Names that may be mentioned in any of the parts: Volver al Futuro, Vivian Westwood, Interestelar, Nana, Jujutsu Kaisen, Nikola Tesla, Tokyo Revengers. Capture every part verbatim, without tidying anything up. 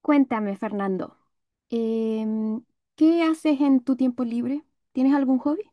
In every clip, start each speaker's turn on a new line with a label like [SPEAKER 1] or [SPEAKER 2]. [SPEAKER 1] Cuéntame, Fernando, em, ¿qué haces en tu tiempo libre? ¿Tienes algún hobby?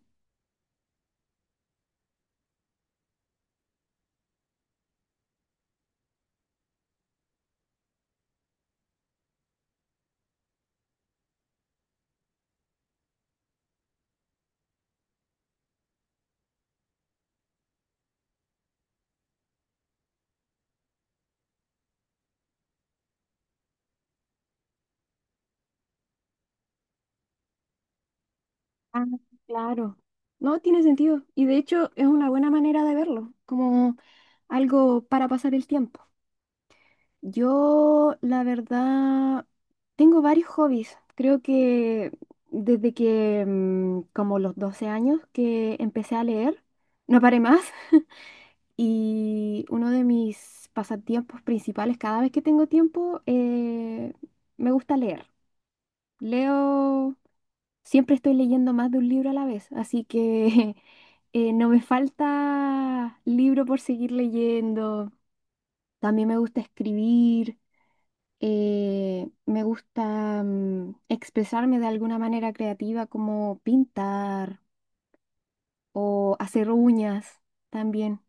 [SPEAKER 1] Ah, claro. No tiene sentido. Y de hecho es una buena manera de verlo, como algo para pasar el tiempo. Yo, la verdad, tengo varios hobbies. Creo que desde que, mm, como los doce años que empecé a leer, no paré más. Y uno de mis pasatiempos principales, cada vez que tengo tiempo, eh, me gusta leer. Leo, siempre estoy leyendo más de un libro a la vez, así que eh, no me falta libro por seguir leyendo. También me gusta escribir, eh, me gusta mm, expresarme de alguna manera creativa como pintar o hacer uñas también.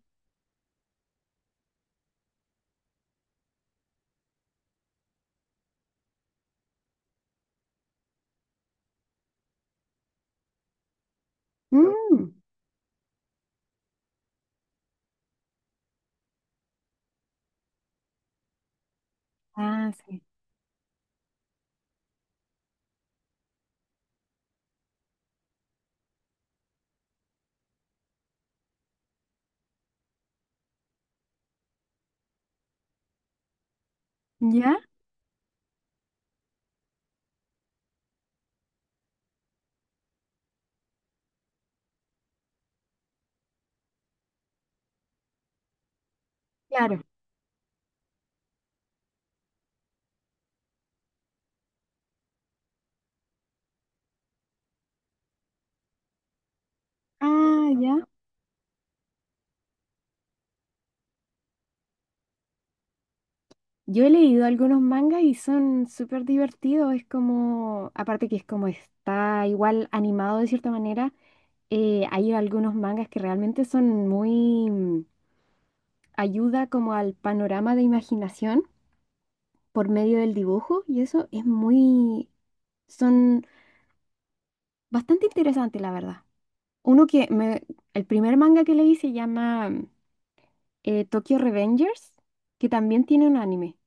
[SPEAKER 1] Mm. Ah, sí. ¿Ya? Claro. Ah, ya. Yo he leído algunos mangas y son súper divertidos. Es como, aparte que es como está igual animado de cierta manera, eh, hay algunos mangas que realmente son muy mm, ayuda como al panorama de imaginación por medio del dibujo y eso es muy, son bastante interesantes, la verdad. Uno que me, el primer manga que leí se llama mm, eh, Tokyo Revengers, que también tiene un anime.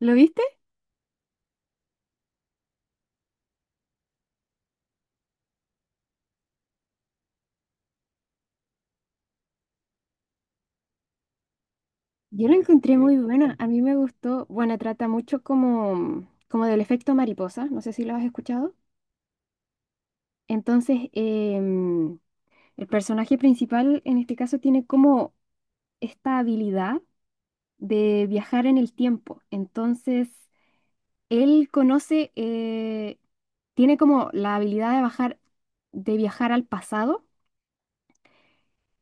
[SPEAKER 1] ¿Lo viste? Yo la encontré muy buena, a mí me gustó, bueno, trata mucho como, como del efecto mariposa, no sé si lo has escuchado. Entonces, em, el personaje principal en este caso tiene como esta habilidad de viajar en el tiempo. Entonces, él conoce, eh, tiene como la habilidad de bajar, de viajar al pasado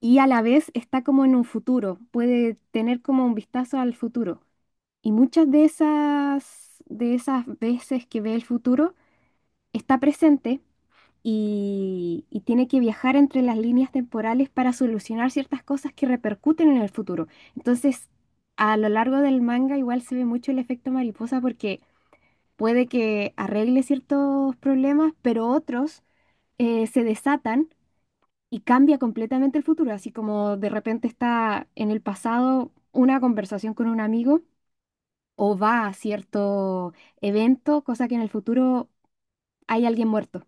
[SPEAKER 1] y a la vez está como en un futuro, puede tener como un vistazo al futuro. Y muchas de esas, de esas veces que ve el futuro está presente y, y tiene que viajar entre las líneas temporales para solucionar ciertas cosas que repercuten en el futuro. Entonces, a lo largo del manga igual se ve mucho el efecto mariposa porque puede que arregle ciertos problemas, pero otros eh, se desatan y cambia completamente el futuro, así como de repente está en el pasado una conversación con un amigo o va a cierto evento, cosa que en el futuro hay alguien muerto.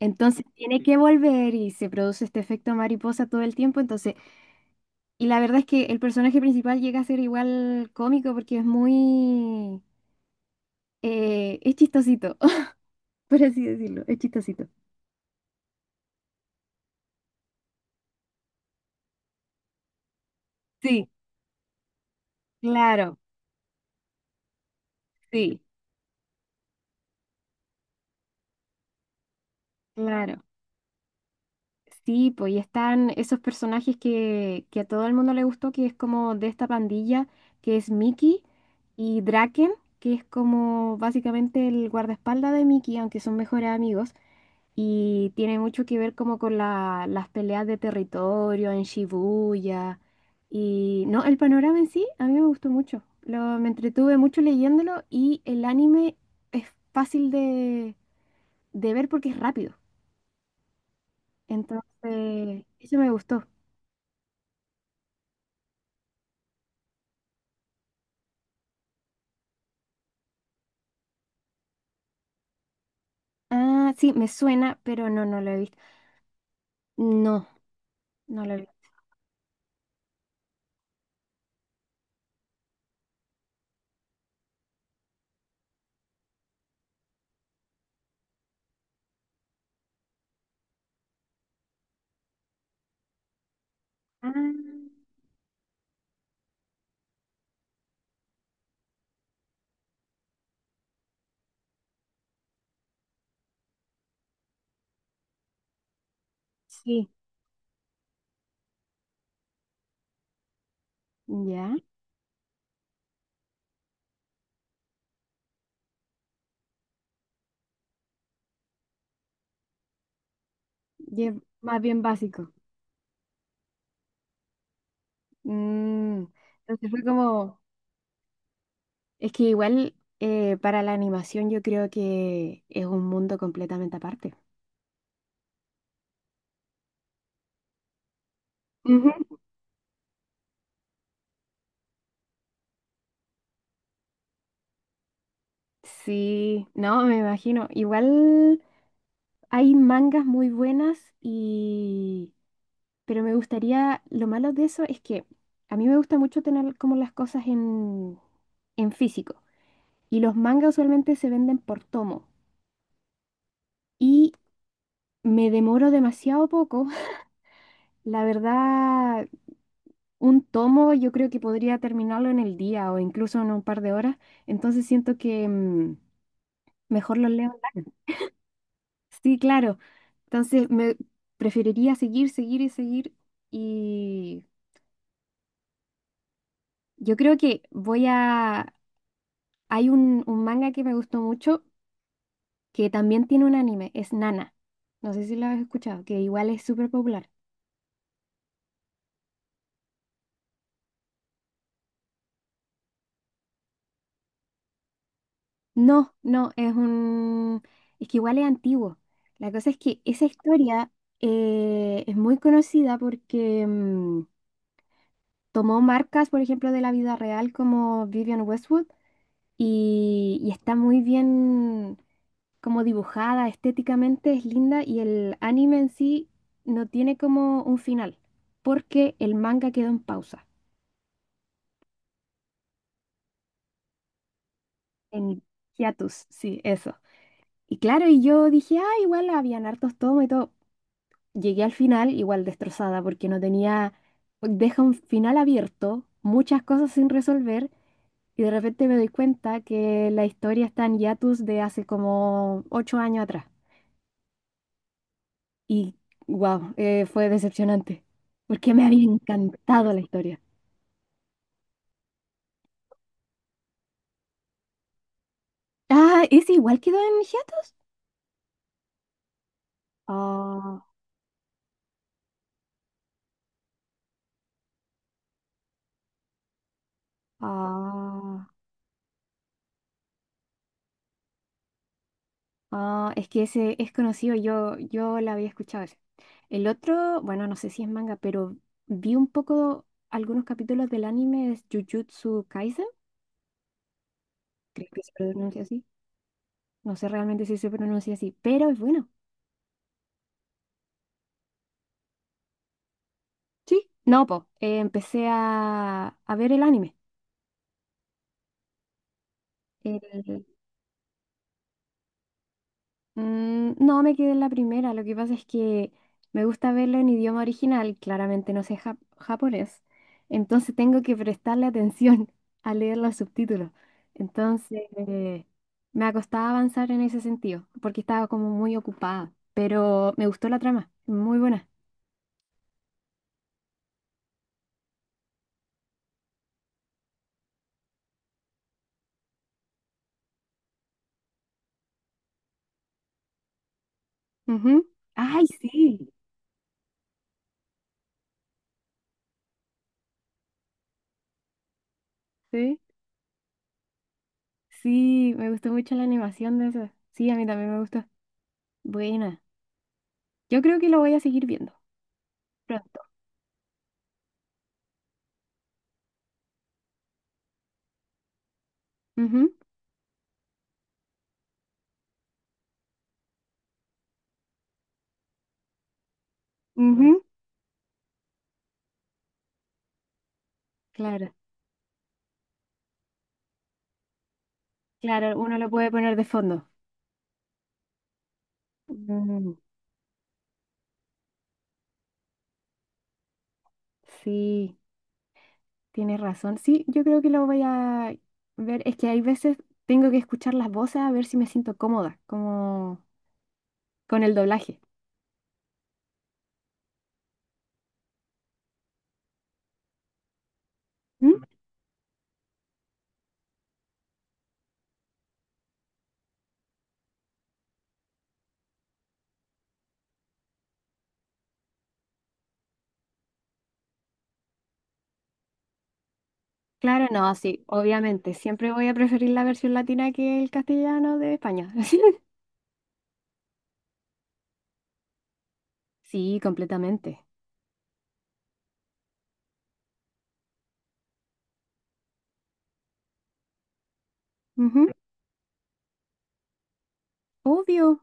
[SPEAKER 1] Entonces tiene que volver y se produce este efecto mariposa todo el tiempo. Entonces, y la verdad es que el personaje principal llega a ser igual cómico porque es muy, eh, es chistosito, por así decirlo, es chistosito. Sí, claro, sí, claro. Sí, pues y están esos personajes que, que a todo el mundo le gustó, que es como de esta pandilla, que es Mickey y Draken, que es como básicamente el guardaespaldas de Mickey, aunque son mejores amigos, y tiene mucho que ver como con la- las peleas de territorio en Shibuya. Y no, el panorama en sí a mí me gustó mucho. Lo, me entretuve mucho leyéndolo y el anime es fácil de, de ver porque es rápido. Entonces, eso me gustó. Ah, sí, me suena, pero no, no lo he visto. No, no lo he visto. Ah, sí, ya. Y es más bien básico. Mm. Entonces fue como, es que igual eh, para la animación yo creo que es un mundo completamente aparte. Ujú. Sí, no, me imagino. Igual hay mangas muy buenas y... Pero me gustaría, lo malo de eso es que a mí me gusta mucho tener como las cosas en, en físico. Y los mangas usualmente se venden por tomo. Y me demoro demasiado poco. La verdad, un tomo yo creo que podría terminarlo en el día o incluso en un par de horas. Entonces siento que mm, mejor los leo. Sí, claro. Entonces me preferiría seguir, seguir y seguir. Y yo creo que voy a... Hay un, un manga que me gustó mucho que también tiene un anime. Es Nana. No sé si lo has escuchado, que igual es súper popular. No, no, es un... Es que igual es antiguo. La cosa es que esa historia eh, es muy conocida porque mm, tomó marcas, por ejemplo, de la vida real como Vivian Westwood y, y está muy bien como dibujada, estéticamente es linda y el anime en sí no tiene como un final porque el manga quedó en pausa, en hiatus, sí, eso. Y claro, y yo dije, ah, igual habían hartos tomos y todo. Llegué al final igual destrozada porque no tenía, deja un final abierto, muchas cosas sin resolver y de repente me doy cuenta que la historia está en hiatus de hace como ocho años atrás. Y wow, fue decepcionante porque me había encantado la historia. Ah, ¿es igual quedó en hiatus? Ah, ah. Ah, es que ese es conocido, yo, yo la había escuchado ese. El otro, bueno, no sé si es manga, pero vi un poco algunos capítulos del anime es Jujutsu Kaisen, creo que se pronuncia así. No sé realmente si se pronuncia así, pero es bueno. Sí. No, po, eh, empecé a, a ver el anime. El- Mm, no, me quedé en la primera. Lo que pasa es que me gusta verlo en idioma original. Claramente no sé jap- japonés. Entonces tengo que prestarle atención a leer los subtítulos. Entonces eh, me ha costado avanzar en ese sentido porque estaba como muy ocupada. Pero me gustó la trama. Muy buena. Ujú. Ay, sí. Sí. Sí, me gustó mucho la animación de eso. Sí, a mí también me gustó. Buena. Yo creo que lo voy a seguir viendo pronto. Ujú, ujú, claro. Claro, uno lo puede poner de fondo. Mm, sí, tienes razón. Sí, yo creo que lo voy a ver. Es que hay veces tengo que escuchar las voces a ver si me siento cómoda, como con el doblaje. ¿Mm? Claro, no, sí, obviamente. Siempre voy a preferir la versión latina que el castellano de España. Sí, completamente. Ujú, obvio.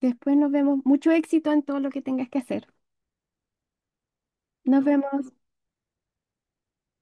[SPEAKER 1] Después nos vemos. Mucho éxito en todo lo que tengas que hacer. Nos vemos.